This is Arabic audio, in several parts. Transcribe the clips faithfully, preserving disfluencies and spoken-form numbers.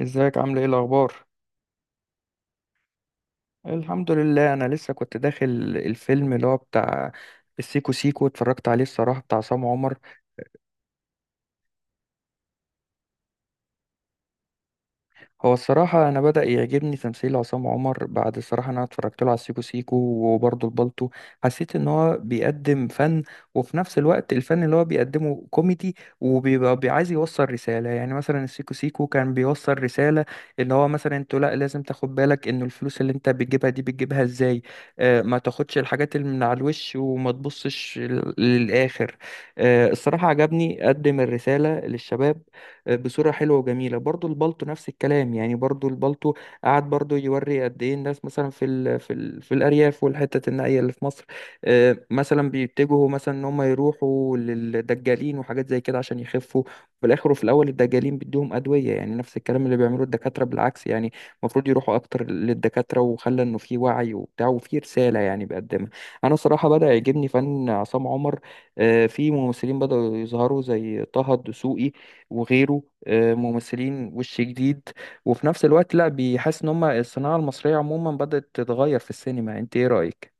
ازيك، عامل ايه الاخبار؟ الحمد لله. انا لسه كنت داخل الفيلم اللي هو بتاع السيكو سيكو، اتفرجت عليه الصراحه، بتاع عصام عمر. هو الصراحة أنا بدأ يعجبني تمثيل عصام عمر، بعد الصراحة أنا اتفرجت له على سيكو سيكو وبرضه البالتو. حسيت إن هو بيقدم فن، وفي نفس الوقت الفن اللي هو بيقدمه كوميدي وبيبقى بي- عايز يوصل رسالة. يعني مثلا السيكو سيكو كان بيوصل رسالة، إن هو مثلا أنت لا لازم تاخد بالك إن الفلوس اللي أنت بتجيبها دي بتجيبها إزاي. آه، ما تاخدش الحاجات اللي من على الوش، وما تبصش لل- للآخر. آه، الصراحة عجبني قدم الرسالة للشباب بصورة حلوة وجميلة. برضو البالتو نفس الكلام، يعني برضو البالتو قعد برضو يوري قد ايه الناس مثلا في ال في ال في الأرياف والحتة النائية اللي في مصر. آه، مثلا بيتجهوا مثلا ان هم يروحوا للدجالين وحاجات زي كده عشان يخفوا في الآخر، وفي الأول الدجالين بيدوهم أدوية، يعني نفس الكلام اللي بيعملوه الدكاترة بالعكس. يعني المفروض يروحوا أكتر للدكاترة، وخلى إنه في وعي وبتاع وفي رسالة يعني بيقدمها. أنا صراحة بدأ يعجبني فن عصام عمر. آه، في ممثلين بدأوا يظهروا زي طه الدسوقي وغيره. آه، ممثلين وش جديد، وفي نفس الوقت لا بيحس ان هم الصناعة المصرية عموما بدأت تتغير في السينما. انت ايه رأيك؟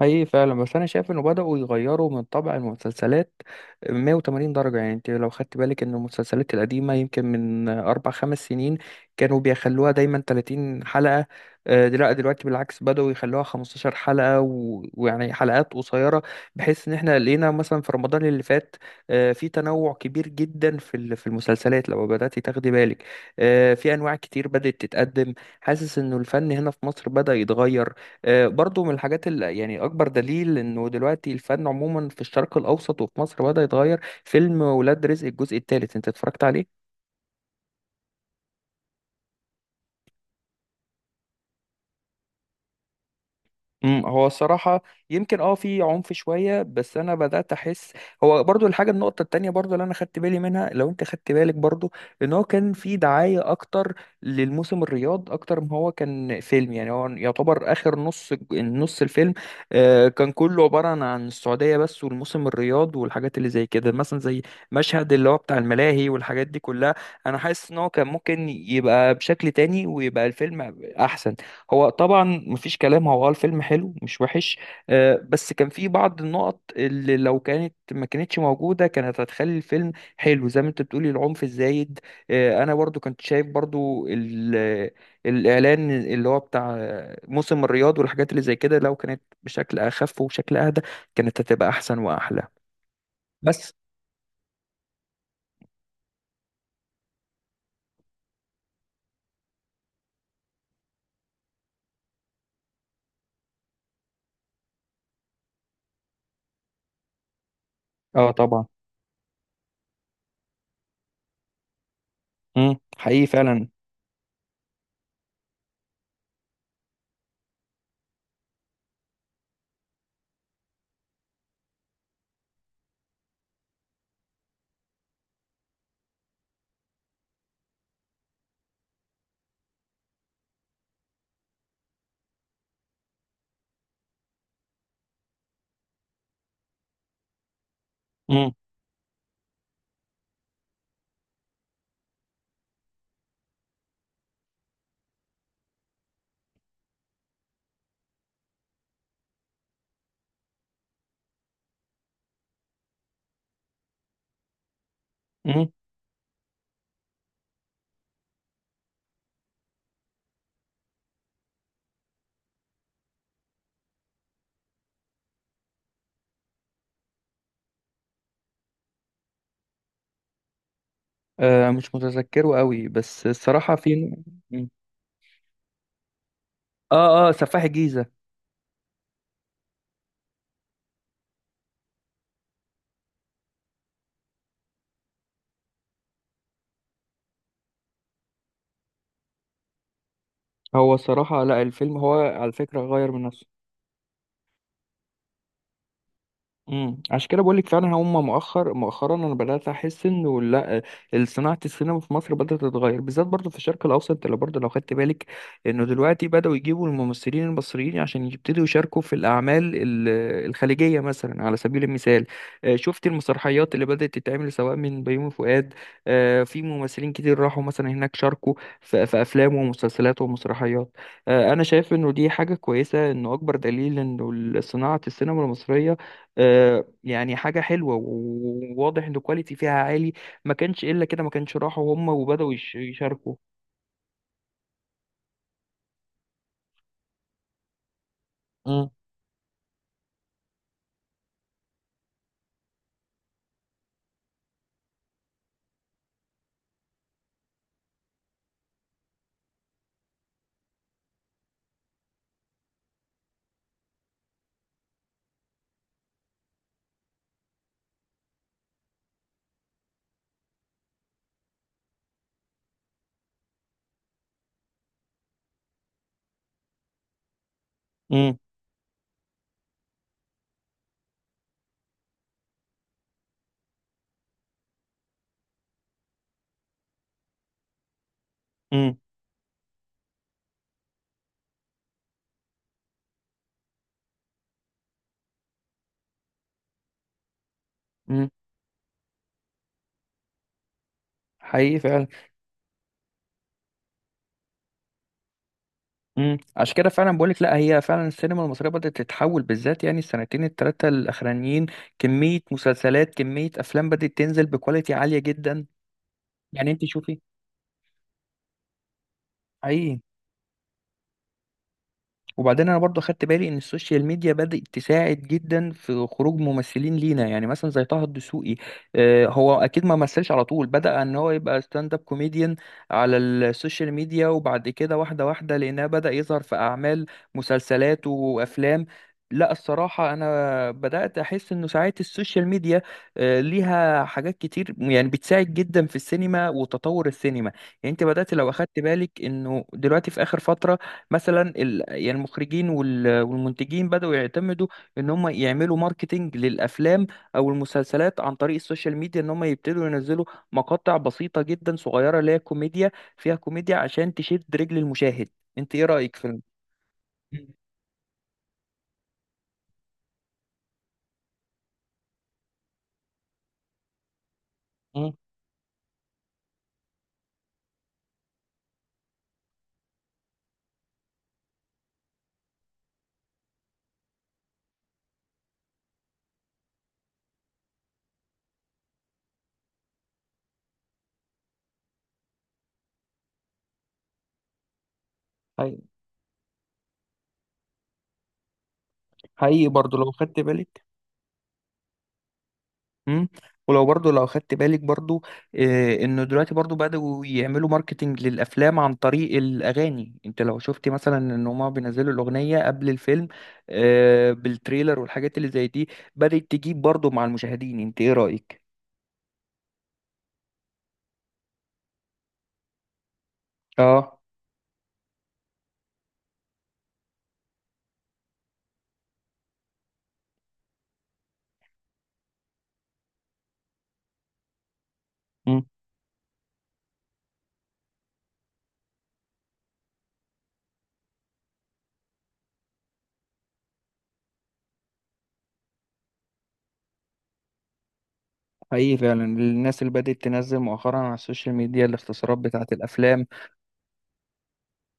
حقيقي فعلا. بس انا شايف انه بدأوا يغيروا من طبع المسلسلات 180 درجة. يعني انت لو خدت بالك ان المسلسلات القديمة يمكن من اربع خمس سنين كانوا بيخلوها دايما 30 حلقة. آه، لا دلوقتي بالعكس بدأوا يخلوها 15 حلقة و- ويعني حلقات قصيرة، بحيث ان احنا لقينا مثلا في رمضان اللي فات آه، في تنوع كبير جدا في ال- في المسلسلات. لو بدأتي تاخدي بالك آه، في انواع كتير بدأت تتقدم. حاسس انه الفن هنا في مصر بدأ يتغير. آه، برضو من الحاجات اللي يعني أكبر دليل إنه دلوقتي الفن عموما في الشرق الأوسط وفي مصر بدأ يتغير. فيلم ولاد رزق الجزء الثالث أنت اتفرجت عليه؟ امم هو الصراحة يمكن اه في عنف شوية، بس انا بدأت احس. هو برضو الحاجة، النقطة التانية برضو اللي انا خدت بالي منها، لو انت خدت بالك برضو، ان هو كان في دعاية اكتر للموسم الرياض اكتر ما هو كان فيلم. يعني هو يعتبر اخر نص نص الفيلم آه، كان كله عبارة عن عن السعودية بس، والموسم الرياض والحاجات اللي زي كده، مثلا زي مشهد اللي هو بتاع الملاهي والحاجات دي كلها. انا حاسس ان هو كان ممكن يبقى بشكل تاني ويبقى الفيلم احسن. هو طبعا مفيش كلام، هو اه الفيلم حلو مش وحش. آه، بس كان في بعض النقط اللي لو كانت ما كانتش موجودة كانت هتخلي الفيلم حلو زي ما انت بتقولي، العنف الزايد. آه، انا برضو كنت شايف برضو ال- الاعلان اللي هو بتاع موسم الرياض والحاجات اللي زي كده، لو كانت بشكل اخف وبشكل اهدى كانت هتبقى احسن واحلى. بس. اه طبعا. امم حقيقي فعلا. امم. امم. آه، مش متذكره قوي، بس الصراحة في. مم. اه، اه، سفاح الجيزة. هو الصراحة لا، الفيلم هو على فكرة غير من نفسه. امم عشان كده بقول لك فعلا، هم مؤخر مؤخرا انا بدات احس انه لا، صناعه السينما في مصر بدات تتغير، بالذات برضه في الشرق الاوسط اللي برضه لو خدت بالك انه دلوقتي بداوا يجيبوا الممثلين المصريين عشان يبتدوا يشاركوا في الاعمال ال- الخليجيه، مثلا على سبيل المثال. آه، شفت المسرحيات اللي بدات تتعمل سواء من بيومي فؤاد. آه، في ممثلين كتير راحوا مثلا هناك، شاركوا في في افلام ومسلسلات ومسرحيات. آه، انا شايف انه دي حاجه كويسه، انه اكبر دليل انه صناعه السينما المصريه آه، يعني حاجة حلوة وواضح ان الكواليتي فيها عالي. ما كانش الا كده، ما كانش راحوا هم وبدأوا يش- يشاركوا. امم. امم. امم. امم. حقيقي فعلا. امم عشان كده فعلا بقولك لا، هي فعلا السينما المصريه بدات تتحول، بالذات يعني السنتين الثلاثه الاخرانيين كميه مسلسلات، كميه افلام بدات تنزل بكواليتي عاليه جدا. يعني انت شوفي، حقيقي. وبعدين انا برضو خدت بالي ان السوشيال ميديا بدأت تساعد جدا في خروج ممثلين لينا، يعني مثلا زي طه الدسوقي آه، هو اكيد ما مثلش على طول، بدأ ان هو يبقى ستاند اب كوميديان على السوشيال ميديا، وبعد كده واحدة واحدة لانها بدأ يظهر في اعمال، مسلسلات وافلام. لا الصراحة أنا بدأت أحس إنه ساعات السوشيال ميديا آه، ليها حاجات كتير، يعني بتساعد جدا في السينما وتطور السينما. يعني أنت بدأت لو أخدت بالك إنه دلوقتي في آخر فترة مثلا ال... يعني المخرجين وال... والمنتجين بدأوا يعتمدوا ان هم يعملوا ماركتينج للافلام او المسلسلات عن طريق السوشيال ميديا، ان هم يبتدوا ينزلوا مقاطع بسيطة جدا صغيرة اللي هي كوميديا، فيها كوميديا عشان تشد رجل المشاهد. انت ايه رأيك في الم- مم. حقيقي. حقيقي برضو لو خدت بالك. مم. ولو برضو لو خدت بالك برضو آه، انه دلوقتي برضو بدأوا يعملوا ماركتينج للافلام عن طريق الاغاني. انت لو شفت مثلا ان هما بينزلوا الاغنية قبل الفيلم آه، بالتريلر والحاجات اللي زي دي، بدأت تجيب برضو مع المشاهدين. انت ايه رأيك؟ اه. مم. حقيقي فعلا، الناس اللي بدأت تنزل مؤخرا على السوشيال ميديا الاختصارات بتاعت الافلام.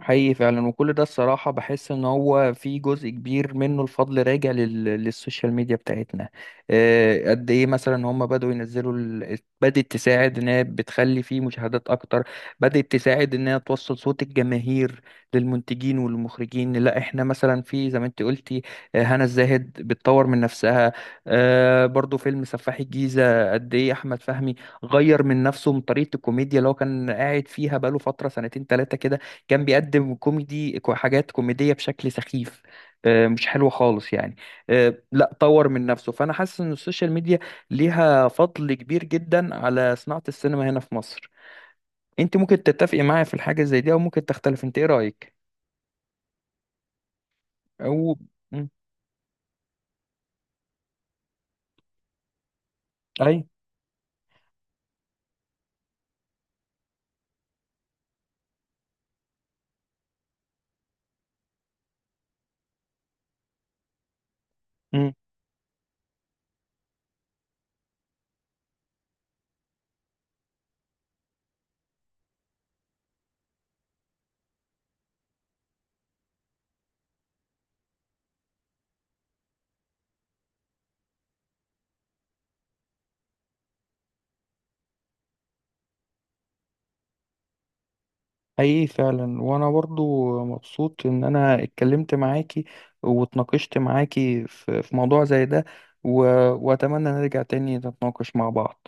حقيقي فعلا، وكل ده الصراحة بحس ان هو في جزء كبير منه الفضل راجع لل... للسوشيال ميديا بتاعتنا. آه، قد ايه مثلا هم بدأوا ينزلوا ال... بدأت تساعد ان هي بتخلي فيه مشاهدات اكتر، بدأت تساعد ان هي توصل صوت الجماهير للمنتجين والمخرجين. لا احنا مثلا، في زي ما انت قلتي آه، هنا الزاهد بتطور من نفسها. آه، برضو فيلم سفاح الجيزة، قد ايه احمد فهمي غير من نفسه من طريقة الكوميديا اللي هو كان قاعد فيها بقاله فترة سنتين تلاتة كده. كان بيقدم كوميدي كو- حاجات كوميدية بشكل سخيف آه، مش حلوة خالص يعني. آه، لا طور من نفسه. فأنا حاسس إن السوشيال ميديا ليها فضل كبير جدا على صناعة السينما هنا في مصر. أنت ممكن تتفقي معايا في الحاجة زي دي، أو ممكن تختلف. أنت إيه رأيك؟ أو. مم. أي. مم. حقيقي فعلا، وأنا برضو مبسوط إن أنا اتكلمت معاكي واتناقشت معاكي في في موضوع زي ده، و... وأتمنى نرجع تاني نتناقش مع بعض